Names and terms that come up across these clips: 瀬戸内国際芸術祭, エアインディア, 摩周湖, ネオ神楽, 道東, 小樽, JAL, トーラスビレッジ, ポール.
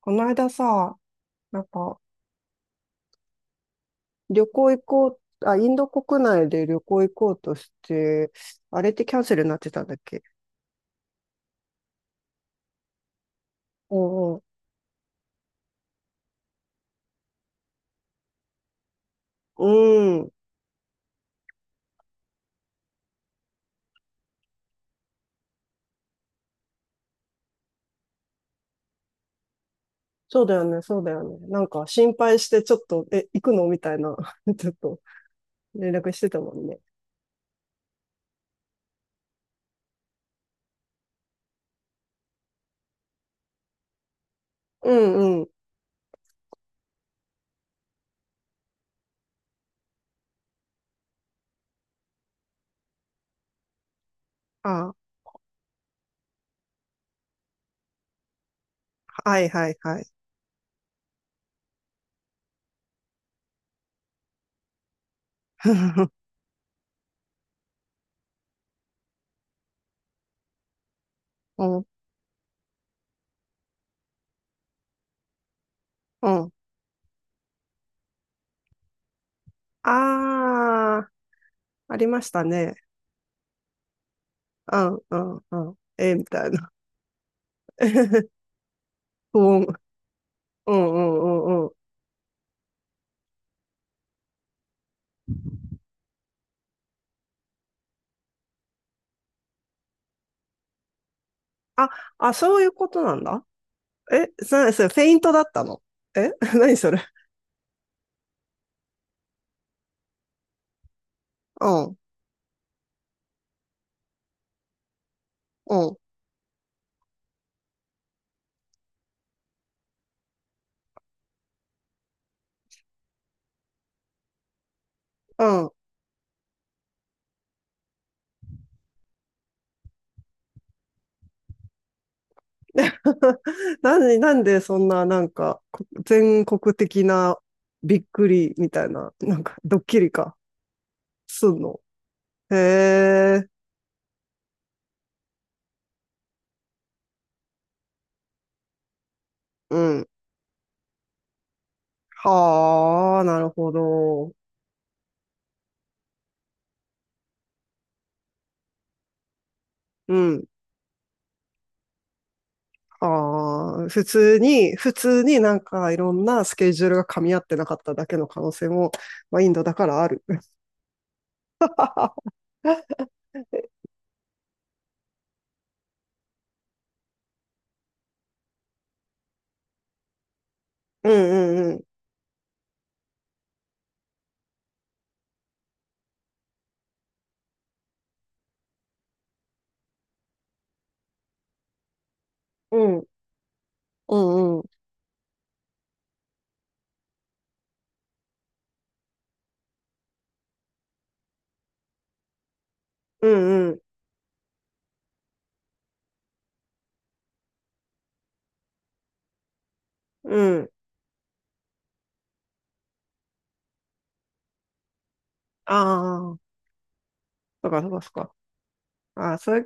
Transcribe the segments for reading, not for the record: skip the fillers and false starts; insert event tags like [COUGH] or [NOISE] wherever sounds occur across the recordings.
この間さ、なんか、旅行行こう、あ、インド国内で旅行行こうとして、あれってキャンセルになってたんだっけ？うんうん。うん。そうだよね、そうだよね。なんか心配して、ちょっと、行くのみたいな、[LAUGHS] ちょっと連絡してたもんね。うんうん。あ、はいはいはい。[LAUGHS] うんうん。ああ、ありましたね。うんうんうん。え、みたいな。[LAUGHS] 不穏。うんうんうんうん。あ、あ、そういうことなんだ。え、それ、フェイントだったの？え [LAUGHS] 何それ？うん、うん、うん。[LAUGHS] なんでそんな、なんか、全国的なびっくりみたいな、なんか、ドッキリか、すんの？へえ、うん。はあ、なるほど。うん。ああ、普通になんかいろんなスケジュールが噛み合ってなかっただけの可能性も、まあ、インドだからある。[LAUGHS] うんうんうん。うん。うんうん。うんうん。うん。ああ、そうかそうかそうか。ああ、それ、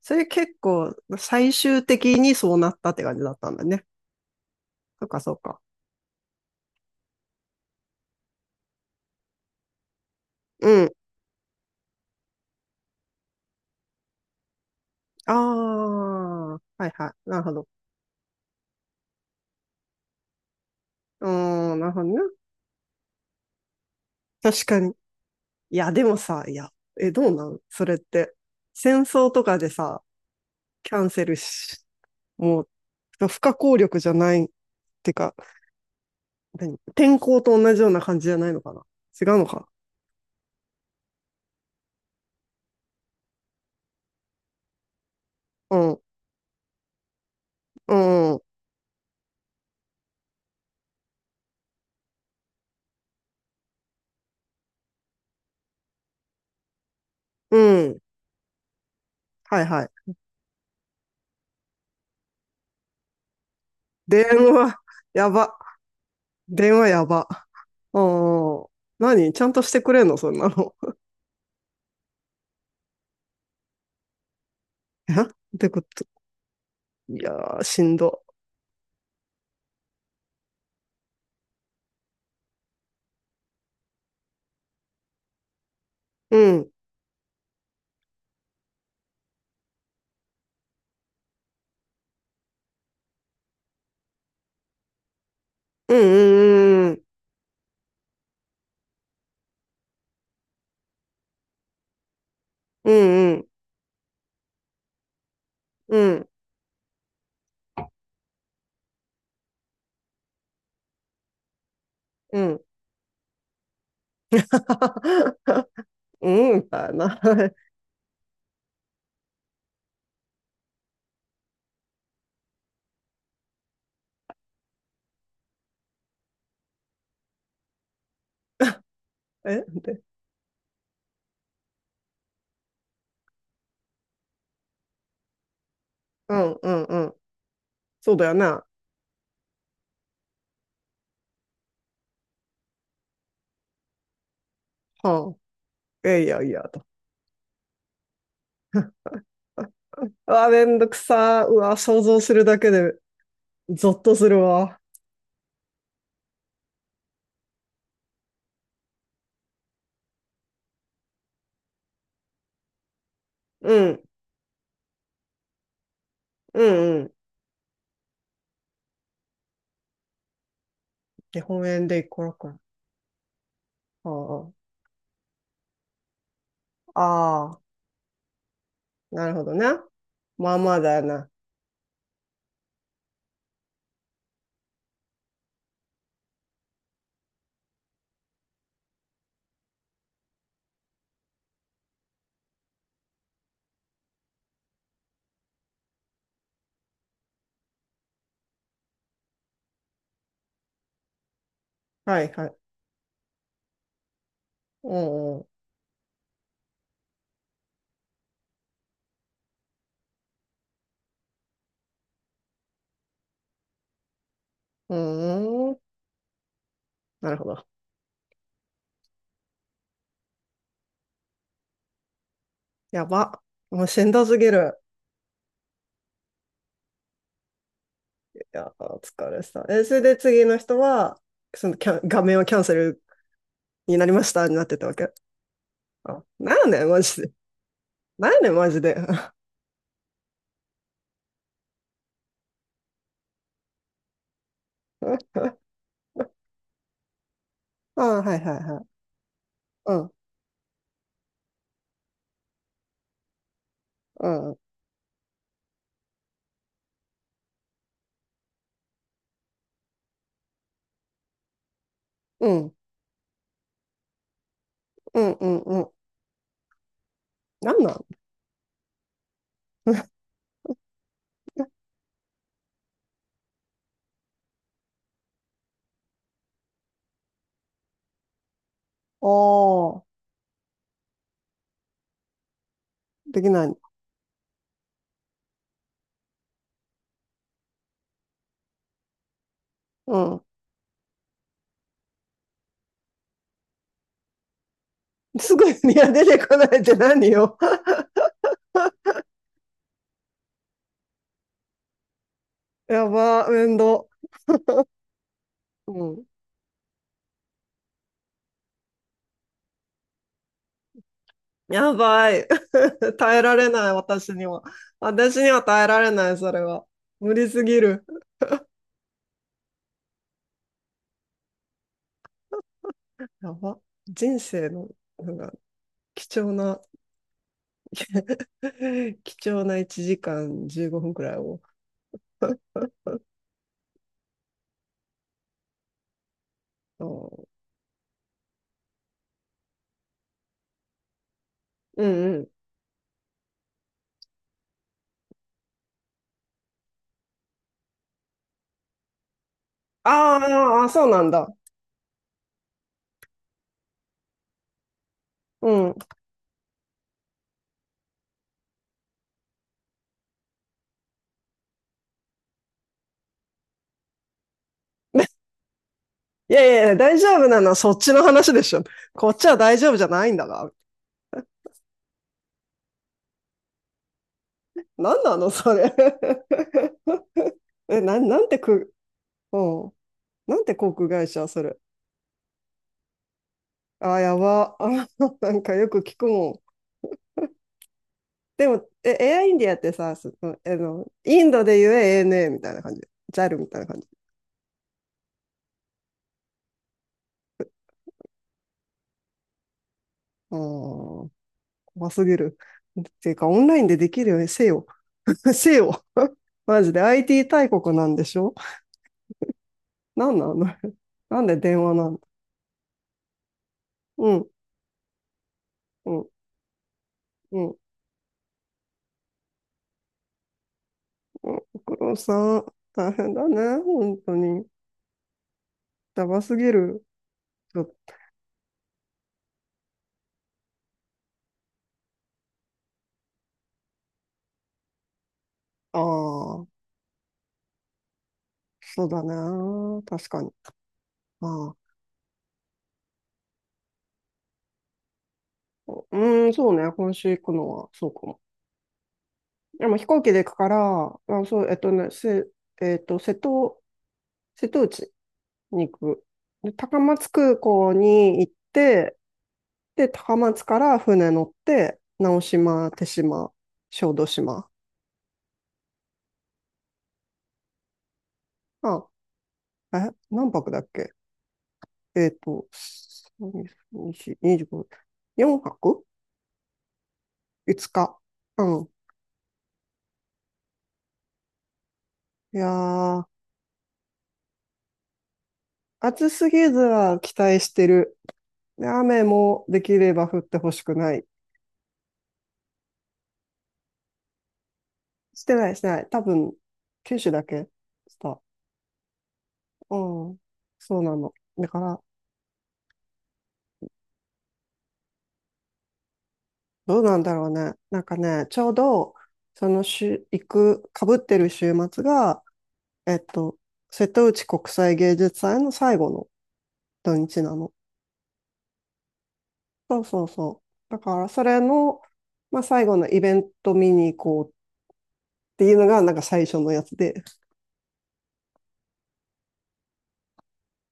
それ結構最終的にそうなったって感じだったんだね。そうかそうか。うん。ああ、はいはい。なるほど。うーん、なるほどね。確かに。いや、でもさ、いや、え、どうなんそれって？戦争とかでさ、キャンセルし、もう、不可抗力じゃない？てか、何、天候と同じような感じじゃないのかな？違うのか？うん、うん、うん。はいはい。電話、やば。電話やば。うん。何、ちゃんとしてくれんのそんなの？[LAUGHS] え、ってこと？いやー、しんど。うん。うんうんうんうん。うんうん。うん。うん。[LAUGHS] うん。だよな。[LAUGHS] で、うんうんうん。そうだよね。はあ。いやいやいや、と。うわ、めんどくさ。うわ、想像するだけでゾッとするわ。うん。うんうん。日本円でいくらか？はああ。ああ。なるほどな。まあまあだな。はいはい。うんうん。うんうん。なるほど。やば。もうしんどすぎる。いや、お疲れさ。え、それで次の人は、そのキャン、画面をキャンセルになりましたになってたわけ？あ、なんだよ、マジで。なんだよ、マジで。[LAUGHS] あ、はいはいはい。うん、うん、うん、うん、うん、うん。なんなん？ [LAUGHS] おー、できない。うん。すごい、いや、出てこないって何よ？[LAUGHS] やば、面倒。うん。やばい。[LAUGHS] 耐えられない、私には。私には耐えられない、それは。無理すぎる。やば。人生の、なんか、貴重な、[LAUGHS] 貴重な1時間15分くらいを。あー、うんうん。あー、あー、そうなんだ。うん。いやいやいや、大丈夫なのはそっちの話でしょ。こっちは大丈夫じゃないんだが。なんなの、それ？[LAUGHS] え、なん、なんてく、うん。なんて航空会社、それ？あー、やば。[LAUGHS] あー、なんかよく聞くもん。でも、え、エアインディアってさ、インドで言え ANA みたいな感じ。ジャルみたいな感じ。うー怖すぎる。っていうか、オンラインでできるよね、せよ。[LAUGHS] せよ。[LAUGHS] マジで IT 大国なんでしょ？なんなの？ [LAUGHS] なんで電話なん？うん、うん、うん、うん。ご苦労さん、大変だね、本当に。やばすぎる。ちょっと、ああ、そうだね。確かに。ああ、うーん、そうね、今週行くのは、そうかも。でも飛行機で行くから、まあ、そう、えっとね、せ、えっと、瀬戸、瀬戸内に行く。で、高松空港に行って、で、高松から船乗って、直島、手島、小豆島。あ、何泊だっけ？えっと、25、4泊 ?5 日。うん。いやー、暑すぎずは期待してる。で、雨もできれば降ってほしくない。してない、してない。多分、九州だけした。うん。そうなの。だから、どうなんだろうね。なんかね、ちょうど、その週、行く、かぶってる週末が、えっと、瀬戸内国際芸術祭の最後の土日なの。そうそうそう。だから、それの、まあ、最後のイベント見に行こうっていうのが、なんか最初のやつで。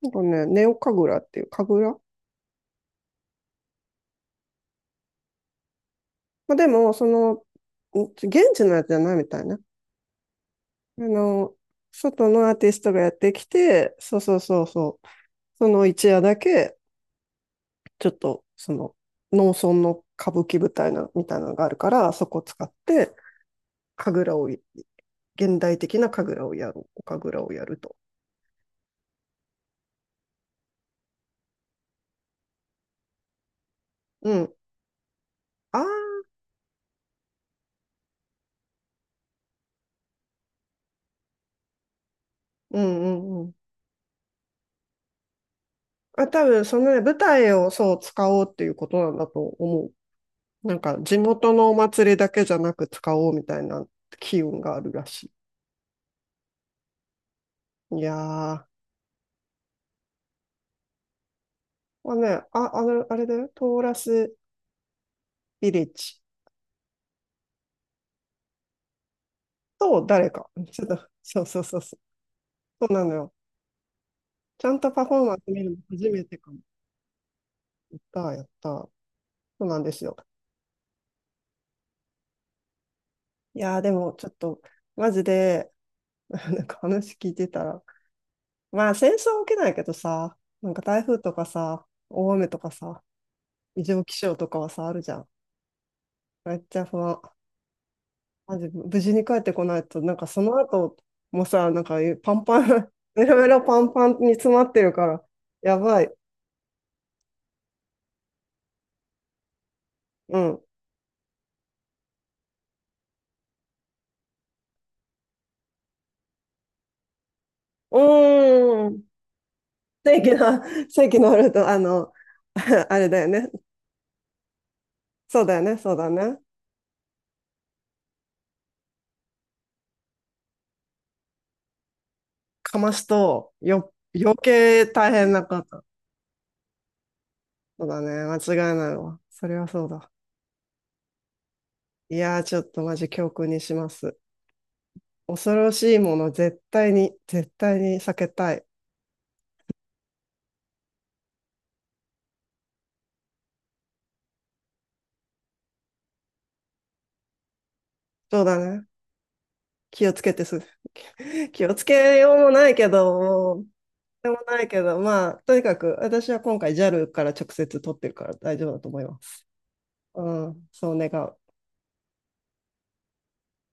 なんかね、ネオ神楽っていう神楽。まあ、でも、現地のやつじゃないみたいね。あの、外のアーティストがやってきて、そうそうそうそう、その一夜だけ、ちょっと、その、農村の歌舞伎舞台な、みたいなのがあるから、そこを使って、神楽をい、現代的な神楽をやる、お神楽をやると。うん。ああ、うんうんうん。あ、多分、そのね、舞台をそう使おうっていうことなんだと思う。なんか、地元のお祭りだけじゃなく使おうみたいな機運があるらしい。いやー。まあね、あ、あれだよ、トーラスビレッジと誰か。ちょっと、そうそうそうそう。そうなのよ。ちゃんとパフォーマンス見るの初めてかも。やった、やった。そうなんですよ。いやー、でもちょっと、マジで、なんか話聞いてたら、まあ戦争は起きないけどさ、なんか台風とかさ、大雨とかさ、異常気象とかはさ、あるじゃん。めっちゃ不安。マジ、無事に帰ってこないと、なんかその後もさ、なんかパンパン、[LAUGHS] メロメロパンパンに詰まってるから、やばい。うん。うーん。正規のルーあの、[LAUGHS] あれだよね。そうだよね、そうだね。かますと、余計大変なこと。そうだね、間違いないわ。それはそうだ。いやー、ちょっとマジ教訓にします。恐ろしいもの、絶対に、絶対に避けたい。そうだね。気をつけてす。[LAUGHS] 気をつけようもないけど、でもないけど、まあ、とにかく、私は今回 JAL から直接取ってるから大丈夫だと思います。うん、そう願う。